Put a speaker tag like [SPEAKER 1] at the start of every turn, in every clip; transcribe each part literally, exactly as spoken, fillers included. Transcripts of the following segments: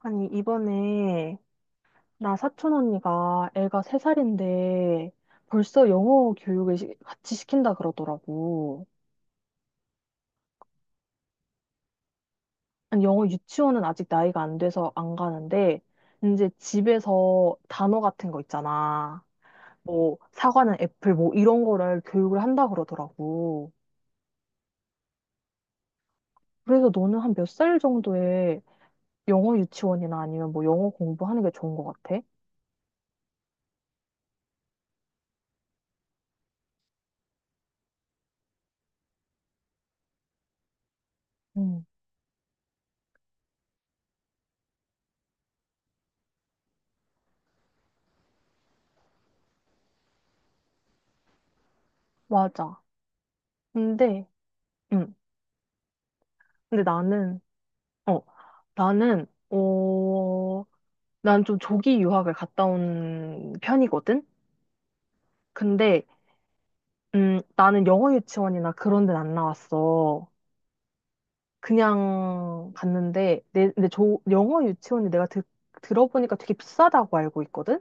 [SPEAKER 1] 아니, 이번에 나 사촌 언니가 애가 세살인데 벌써 영어 교육을 시- 같이 시킨다 그러더라고. 아니, 영어 유치원은 아직 나이가 안 돼서 안 가는데, 이제 집에서 단어 같은 거 있잖아. 뭐, 사과는 애플, 뭐, 이런 거를 교육을 한다 그러더라고. 그래서 너는 한 몇 살 정도에 영어 유치원이나 아니면 뭐 영어 공부하는 게 좋은 것 같아? 응. 맞아. 근데, 응. 근데 나는 어, 나는, 어, 난 좀 조기 유학을 갔다 온 편이거든? 근데, 음, 나는 영어 유치원이나 그런 데는 안 나왔어. 그냥 갔는데, 내, 근데 조, 영어 유치원이 내가 드, 들어보니까 되게 비싸다고 알고 있거든?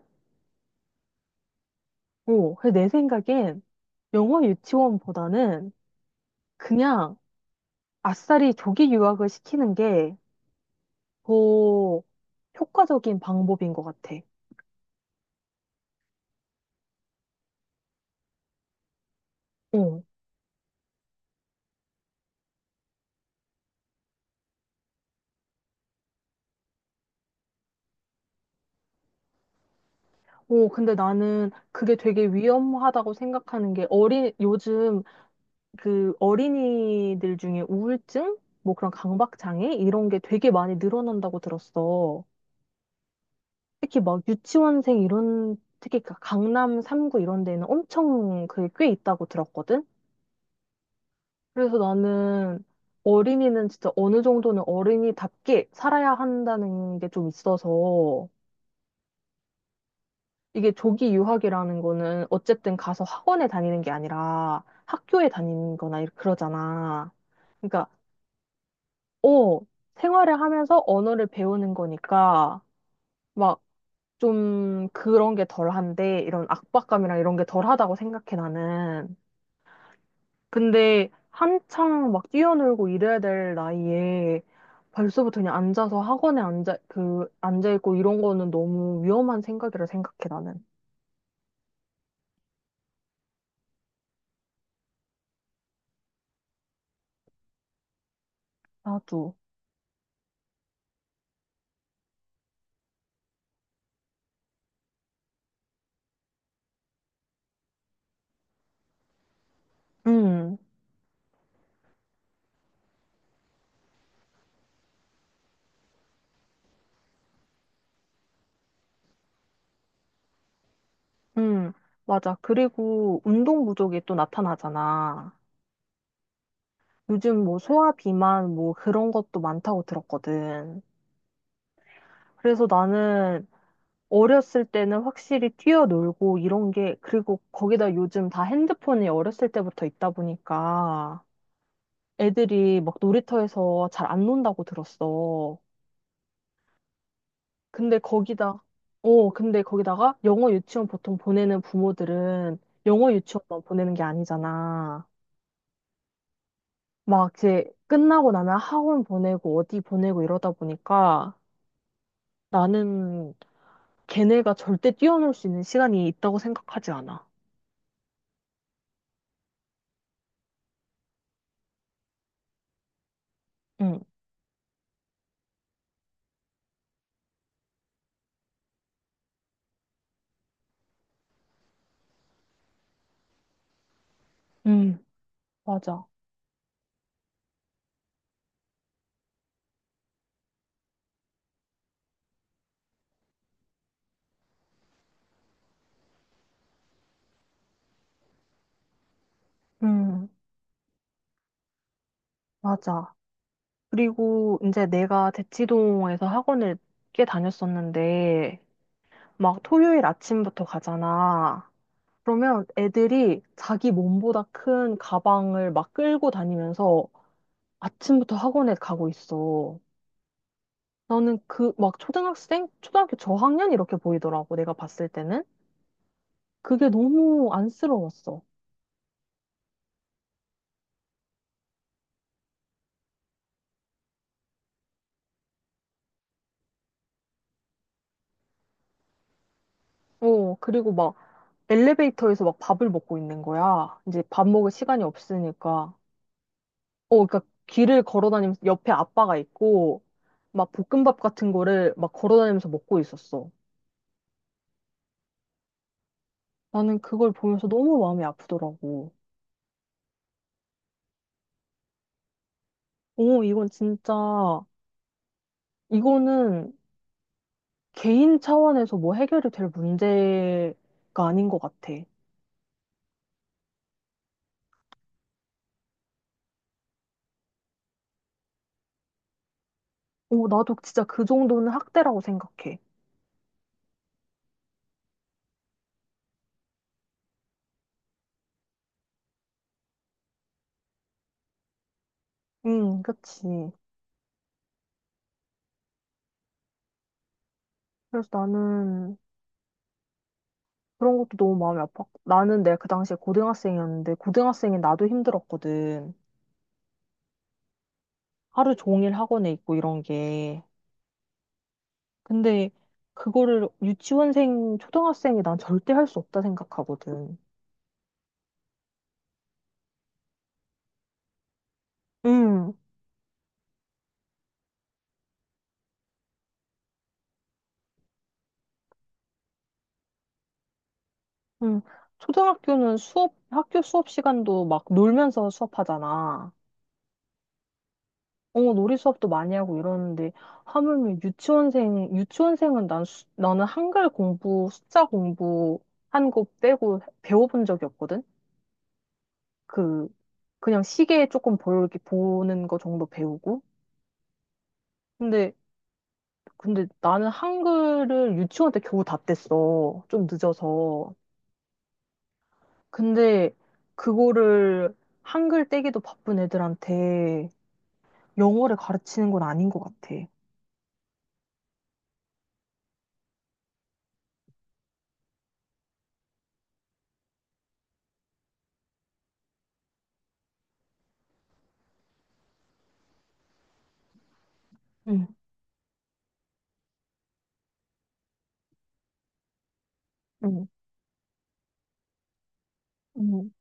[SPEAKER 1] 어, 그래서 내 생각엔 영어 유치원보다는 그냥 아싸리 조기 유학을 시키는 게 더 효과적인 방법인 것 같아. 어. 오, 근데 나는 그게 되게 위험하다고 생각하는 게 어린, 요즘 그 어린이들 중에 우울증? 뭐 그런 강박장애? 이런 게 되게 많이 늘어난다고 들었어. 특히 막 유치원생 이런, 특히 그 강남 삼 구 이런 데는 엄청 그게 꽤 있다고 들었거든? 그래서 나는 어린이는 진짜 어느 정도는 어린이답게 살아야 한다는 게 좀 있어서 이게 조기 유학이라는 거는 어쨌든 가서 학원에 다니는 게 아니라 학교에 다니는 거나 이렇- 그러잖아. 그러니까, 어, 생활을 하면서 언어를 배우는 거니까 막 좀 그런 게 덜한데 이런 압박감이랑 이런 게 덜하다고 생각해 나는. 근데 한창 막 뛰어놀고 이래야 될 나이에 벌써부터 그냥 앉아서 학원에 앉아, 그, 앉아있고 이런 거는 너무 위험한 생각이라 생각해 나는. 나도. 음. 음, 맞아. 그리고 운동 부족이 또 나타나잖아. 요즘 뭐 소화 비만 뭐 그런 것도 많다고 들었거든. 그래서 나는 어렸을 때는 확실히 뛰어놀고 이런 게, 그리고 거기다 요즘 다 핸드폰이 어렸을 때부터 있다 보니까 애들이 막 놀이터에서 잘 안 논다고 들었어. 근데 거기다, 어, 근데 거기다가 영어 유치원 보통 보내는 부모들은 영어 유치원만 보내는 게 아니잖아. 막 이제 끝나고 나면 학원 보내고 어디 보내고 이러다 보니까 나는 걔네가 절대 뛰어놀 수 있는 시간이 있다고 생각하지 않아. 응, 응, 맞아. 응, 맞아. 그리고 이제 내가 대치동에서 학원을 꽤 다녔었는데 막 토요일 아침부터 가잖아. 그러면 애들이 자기 몸보다 큰 가방을 막 끌고 다니면서 아침부터 학원에 가고 있어. 나는 그, 막 초등학생? 초등학교 저학년? 이렇게 보이더라고, 내가 봤을 때는. 그게 너무 안쓰러웠어. 어, 그리고 막 엘리베이터에서 막 밥을 먹고 있는 거야. 이제 밥 먹을 시간이 없으니까. 어, 그러니까 길을 걸어 다니면서 옆에 아빠가 있고, 막 볶음밥 같은 거를 막 걸어 다니면서 먹고 있었어. 나는 그걸 보면서 너무 마음이 아프더라고. 오, 이건 진짜. 이거는 개인 차원에서 뭐 해결이 될 문제가 아닌 것 같아. 어, 나도 진짜 그 정도는 학대라고 생각해. 응, 그치. 그래서 나는 그런 것도 너무 마음이 아팠고. 나는 내가 그 당시에 고등학생이었는데, 고등학생인 나도 힘들었거든. 하루 종일 학원에 있고 이런 게. 근데 그거를 유치원생, 초등학생이 난 절대 할 수 없다 생각하거든. 응, 응. 초등학교는 수업, 학교 수업 시간도 막 놀면서 수업하잖아. 어, 놀이 수업도 많이 하고 이러는데, 하물며 유치원생, 유치원생은 난, 수- 나는 한글 공부, 숫자 공부 한 거 빼고 배워본 적이 없거든? 그, 그냥 시계 조금 보, 이렇게 보는 거 정도 배우고. 근데, 근데 나는 한글을 유치원 때 겨우 다 뗐어. 좀 늦어서. 근데 그거를 한글 떼기도 바쁜 애들한테 영어를 가르치는 건 아닌 것 같아. 응. 응, 응,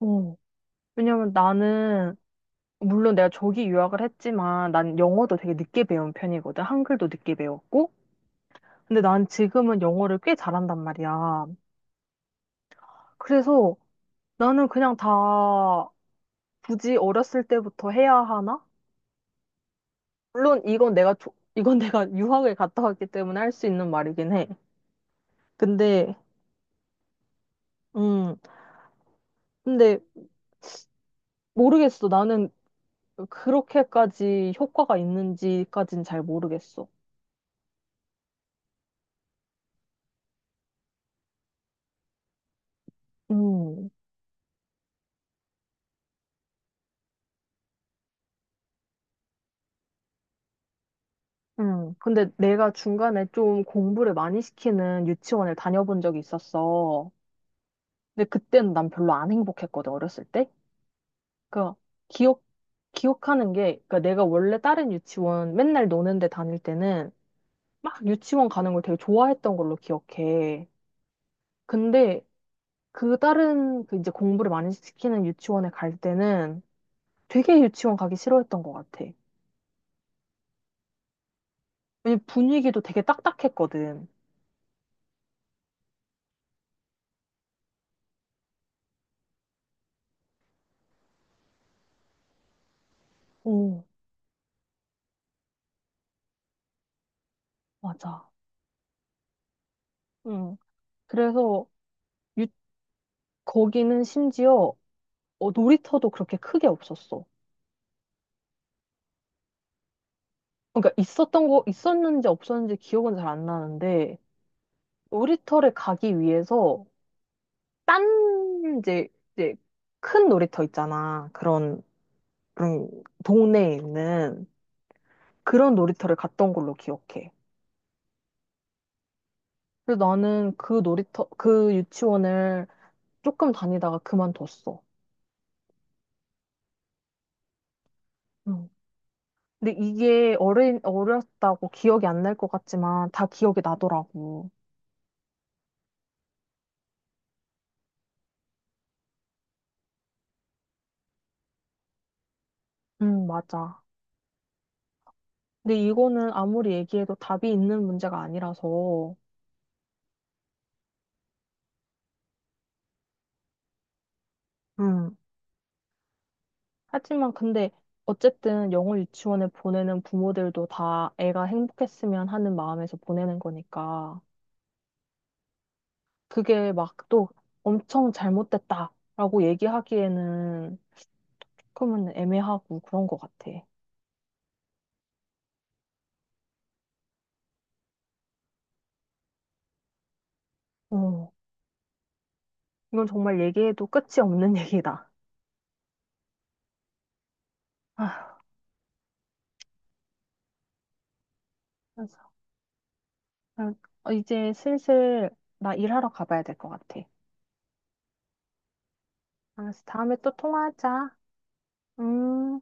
[SPEAKER 1] 어. 왜냐면 나는 물론 내가 저기 유학을 했지만 난 영어도 되게 늦게 배운 편이거든. 한글도 늦게 배웠고. 근데 난 지금은 영어를 꽤 잘한단 말이야. 그래서 나는 그냥 다 굳이 어렸을 때부터 해야 하나? 물론 이건 내가 조- 이건 내가 유학을 갔다 왔기 때문에 할 수 있는 말이긴 해. 근데 음 근데 모르겠어. 나는 그렇게까지 효과가 있는지까진 잘 모르겠어. 음. 음, 근데 내가 중간에 좀 공부를 많이 시키는 유치원을 다녀본 적이 있었어. 근데 그때는 난 별로 안 행복했거든, 어렸을 때. 그, 기억, 기억하는 게, 그니까 내가 원래 다른 유치원 맨날 노는 데 다닐 때는 막 유치원 가는 걸 되게 좋아했던 걸로 기억해. 근데 그 다른, 그 이제 공부를 많이 시키는 유치원에 갈 때는 되게 유치원 가기 싫어했던 것 같아. 왜냐면 분위기도 되게 딱딱했거든. 오, 맞아. 응. 그래서 거기는 심지어 어, 놀이터도 그렇게 크게 없었어. 그러니까 있었던 거, 있었는지 없었는지 기억은 잘 안 나는데, 놀이터를 가기 위해서, 딴, 이제, 이제, 큰 놀이터 있잖아. 그런, 그런, 동네에 있는 그런 놀이터를 갔던 걸로 기억해. 그래서 나는 그 놀이터, 그 유치원을 조금 다니다가 그만뒀어. 응. 근데 이게 어린, 어렸다고 기억이 안 날 것 같지만, 다 기억이 나더라고. 응, 맞아. 근데 이거는 아무리 얘기해도 답이 있는 문제가 아니라서. 응, 하지만 근데 어쨌든 영어 유치원에 보내는 부모들도 다 애가 행복했으면 하는 마음에서 보내는 거니까 그게 막 또 엄청 잘못됐다라고 얘기하기에는 그러면 애매하고 그런 것 같아. 어, 이건 정말 얘기해도 끝이 없는 얘기다. 아, 그래서 그냥 어, 이제 슬슬 나 일하러 가봐야 될 것 같아. 알았어, 다음에 또 통화하자. 음.